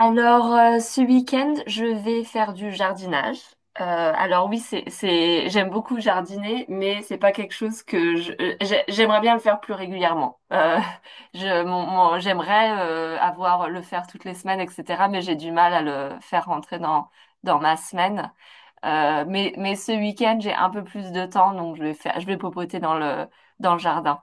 Alors, ce week-end, je vais faire du jardinage. Euh, alors oui, c'est, j'aime beaucoup jardiner, mais c'est pas quelque chose que j'aimerais bien le faire plus régulièrement. J'aimerais avoir le faire toutes les semaines, etc. Mais j'ai du mal à le faire rentrer dans ma semaine. Mais ce week-end, j'ai un peu plus de temps, donc je vais popoter dans le jardin.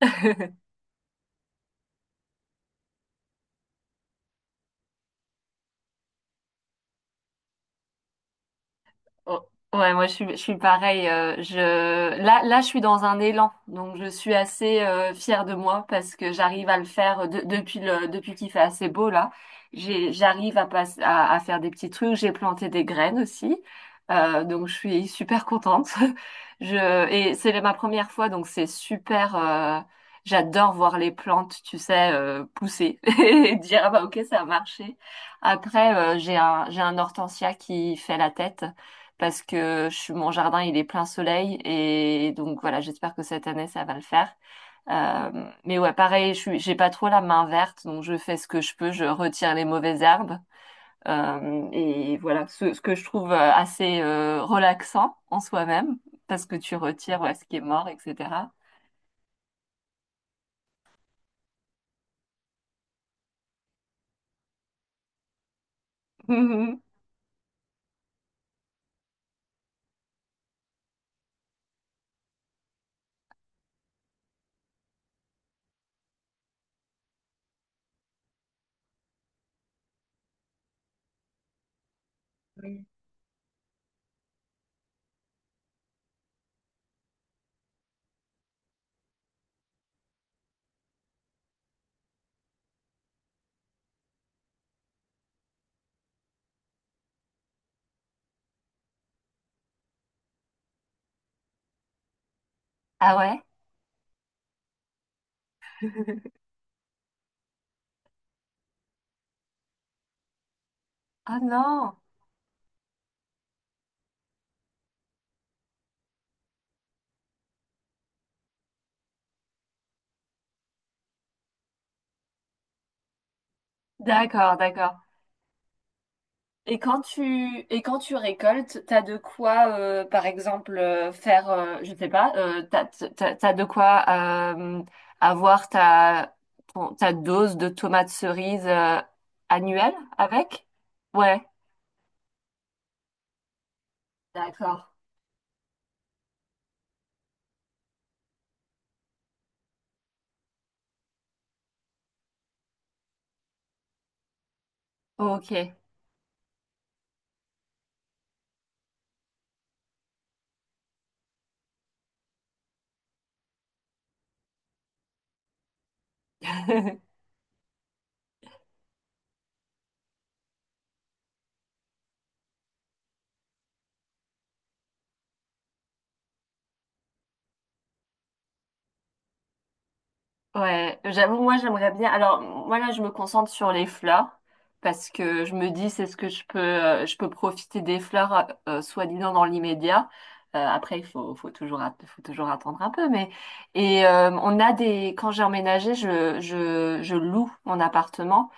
Oh, ouais, moi je suis pareil. Là, je suis dans un élan, donc je suis assez fière de moi parce que j'arrive à le faire depuis depuis qu'il fait assez beau là. J'arrive à, à faire des petits trucs. J'ai planté des graines aussi, donc je suis super contente. Et c'est ma première fois, donc c'est super. J'adore voir les plantes, tu sais, pousser et dire ah bah ok ça a marché. Après, j'ai un hortensia qui fait la tête parce que mon jardin il est plein soleil et donc voilà j'espère que cette année ça va le faire. Mais ouais pareil je suis j'ai pas trop la main verte donc je fais ce que je peux, je retire les mauvaises herbes et voilà ce que je trouve assez relaxant en soi-même parce que tu retires ouais, ce qui est mort etc. Ah ouais? Ah non. D'accord, d'accord. Et quand tu et quand tu récoltes, t'as de quoi, par exemple, faire, je sais pas, t'as de quoi euh, avoir ta ta dose de tomates cerises annuelle avec? Ouais, d'accord. Ok. Ouais, j'avoue, moi j'aimerais bien. Alors moi là, je me concentre sur les fleurs parce que je me dis c'est ce que je peux profiter des fleurs soi-disant dans l'immédiat. Après, faut toujours, faut toujours attendre un peu. Mais et on a des. Quand j'ai emménagé, je loue mon appartement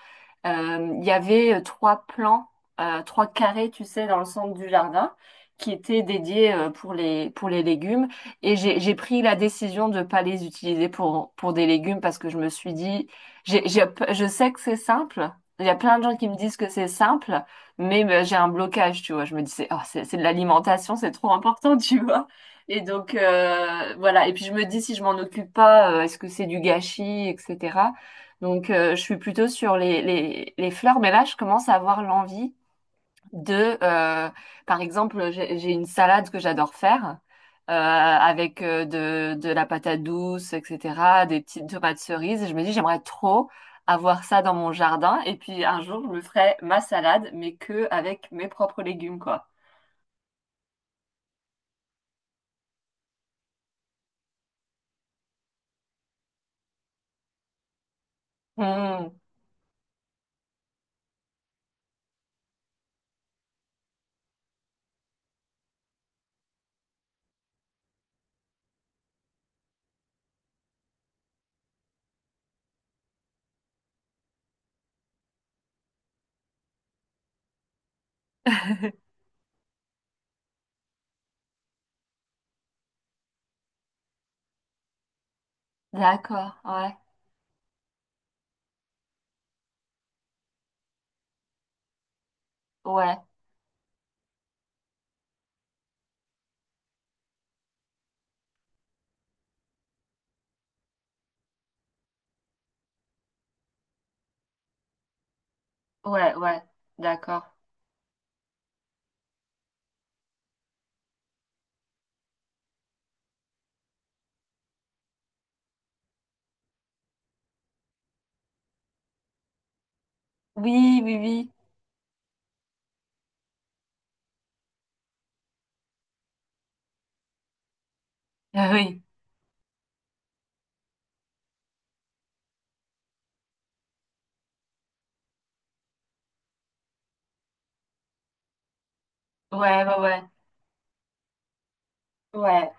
il y avait trois plans, trois carrés, tu sais, dans le centre du jardin, qui étaient dédiés pour les légumes. J'ai pris la décision de ne pas les utiliser pour des légumes parce que je me suis dit, j'ai, j'ai- je sais que c'est simple. Il y a plein de gens qui me disent que c'est simple, mais j'ai un blocage, tu vois. Je me dis, c'est oh, c'est de l'alimentation, c'est trop important, tu vois. Et donc voilà. Et puis je me dis, si je m'en occupe pas, est-ce que c'est du gâchis, etc. Donc, je suis plutôt sur les fleurs, mais là, je commence à avoir l'envie de, euh, par exemple, j'ai une salade que j'adore faire avec de la patate douce, etc., des petites tomates cerises. Je me dis, j'aimerais trop avoir ça dans mon jardin. Et puis, un jour, je me ferai ma salade, mais que avec mes propres légumes, quoi. Hmm. D'accord, ouais, ouais, ouais, ouais, d'accord. Oui, oui, oui. Ah oui, ouais, ouais, ouais. Ouais.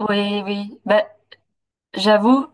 Oui, oui. Ben, j'avoue,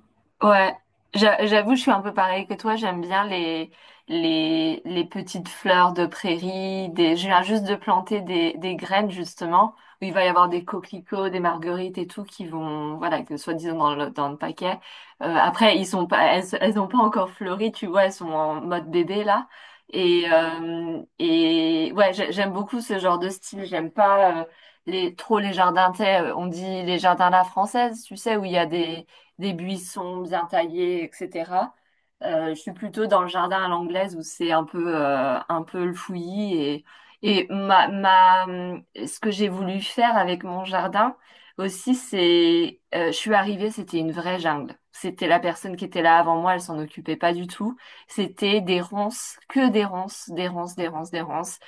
ouais, j'avoue, je suis un peu pareil que toi. J'aime bien les petites fleurs de prairie. Des... Je viens juste de planter des graines, justement, où il va y avoir des coquelicots, des marguerites et tout qui vont, voilà, que soi-disant dans dans le paquet. Après, ils sont pas, elles, elles ont pas encore fleuri, tu vois, elles sont en mode bébé, là. Et ouais, j'aime beaucoup ce genre de style. J'aime pas trop les jardins, tu sais, on dit les jardins à la française, tu sais, où il y a des buissons bien taillés, etc. Je suis plutôt dans le jardin à l'anglaise où c'est un peu le fouillis et, ma, ce que j'ai voulu faire avec mon jardin aussi, c'est, je suis arrivée, c'était une vraie jungle. C'était la personne qui était là avant moi, elle s'en occupait pas du tout. C'était des ronces, que des ronces, des ronces, des ronces, des ronces.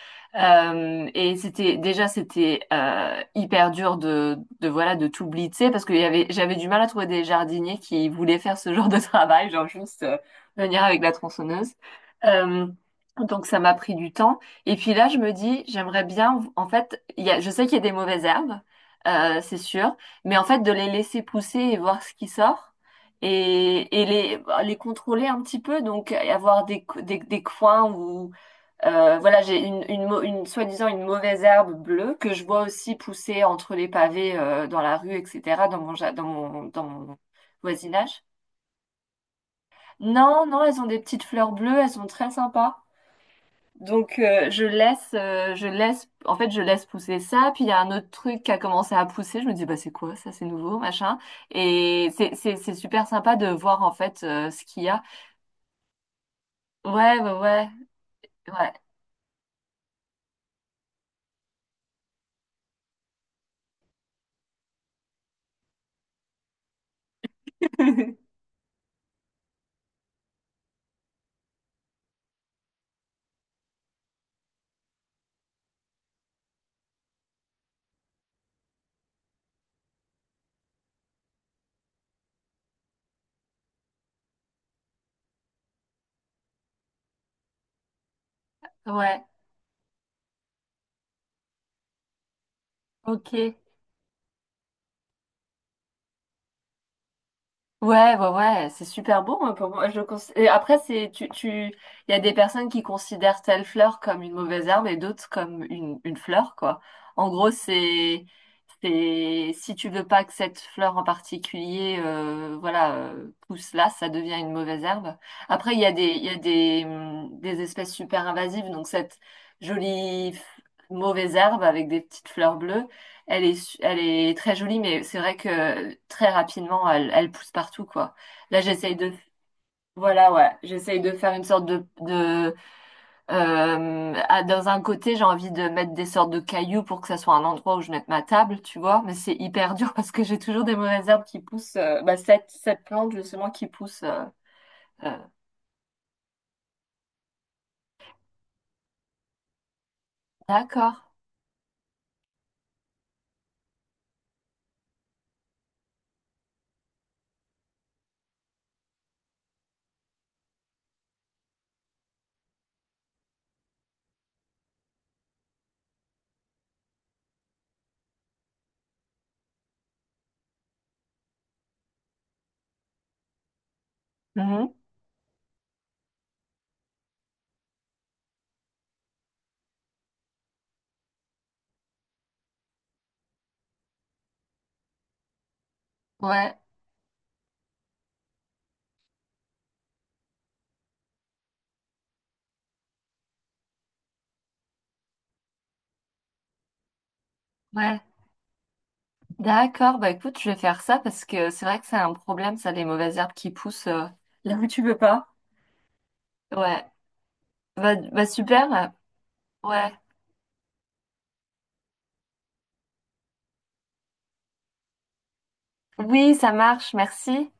C'était hyper dur de voilà de tout blitzer parce que il y avait j'avais du mal à trouver des jardiniers qui voulaient faire ce genre de travail, genre juste venir avec la tronçonneuse. Euh, donc ça m'a pris du temps. Et puis là je me dis j'aimerais bien en fait je sais qu'il y a des mauvaises herbes, c'est sûr, mais en fait de les laisser pousser et voir ce qui sort. Et, bah, les contrôler un petit peu, donc avoir des coins où voilà, j'ai une soi-disant une mauvaise herbe bleue que je vois aussi pousser entre les pavés dans la rue, etc., dans mon, ja- dans mon voisinage. Non, non, elles ont des petites fleurs bleues, elles sont très sympas. Donc en fait je laisse pousser ça. Puis il y a un autre truc qui a commencé à pousser. Je me dis bah c'est quoi ça, c'est nouveau, machin. Et c'est super sympa de voir en fait ce qu'il y a. Ouais, ouais, ouais, ouais. Ouais. Ok. Ouais, ouais, ouais, c'est super beau, hein, pour moi. Et après, il y a des personnes qui considèrent telle fleur comme une mauvaise herbe et d'autres comme une fleur, quoi. En gros, c'est, si tu veux pas que cette fleur en particulier, voilà, pousse là, ça devient une mauvaise herbe. Après, il y a des, il y a des espèces super invasives, donc cette jolie f- mauvaise herbe avec des petites fleurs bleues. Elle est, elle est très jolie, mais c'est vrai que très rapidement, elle pousse partout, quoi. Là, voilà, ouais, j'essaye de faire une sorte dans un côté, j'ai envie de mettre des sortes de cailloux pour que ça soit un endroit où je mette ma table, tu vois. Mais c'est hyper dur parce que j'ai toujours des mauvaises herbes qui poussent, bah, cette plante, justement, qui pousse. Euh, D'accord. Mhm. Ouais, ouais. D'accord. Bah, écoute, je vais faire ça parce que c'est vrai que c'est un problème, ça, les mauvaises herbes qui poussent, là où tu veux pas. Ouais. Bah super. Ouais. Oui, ça marche, merci.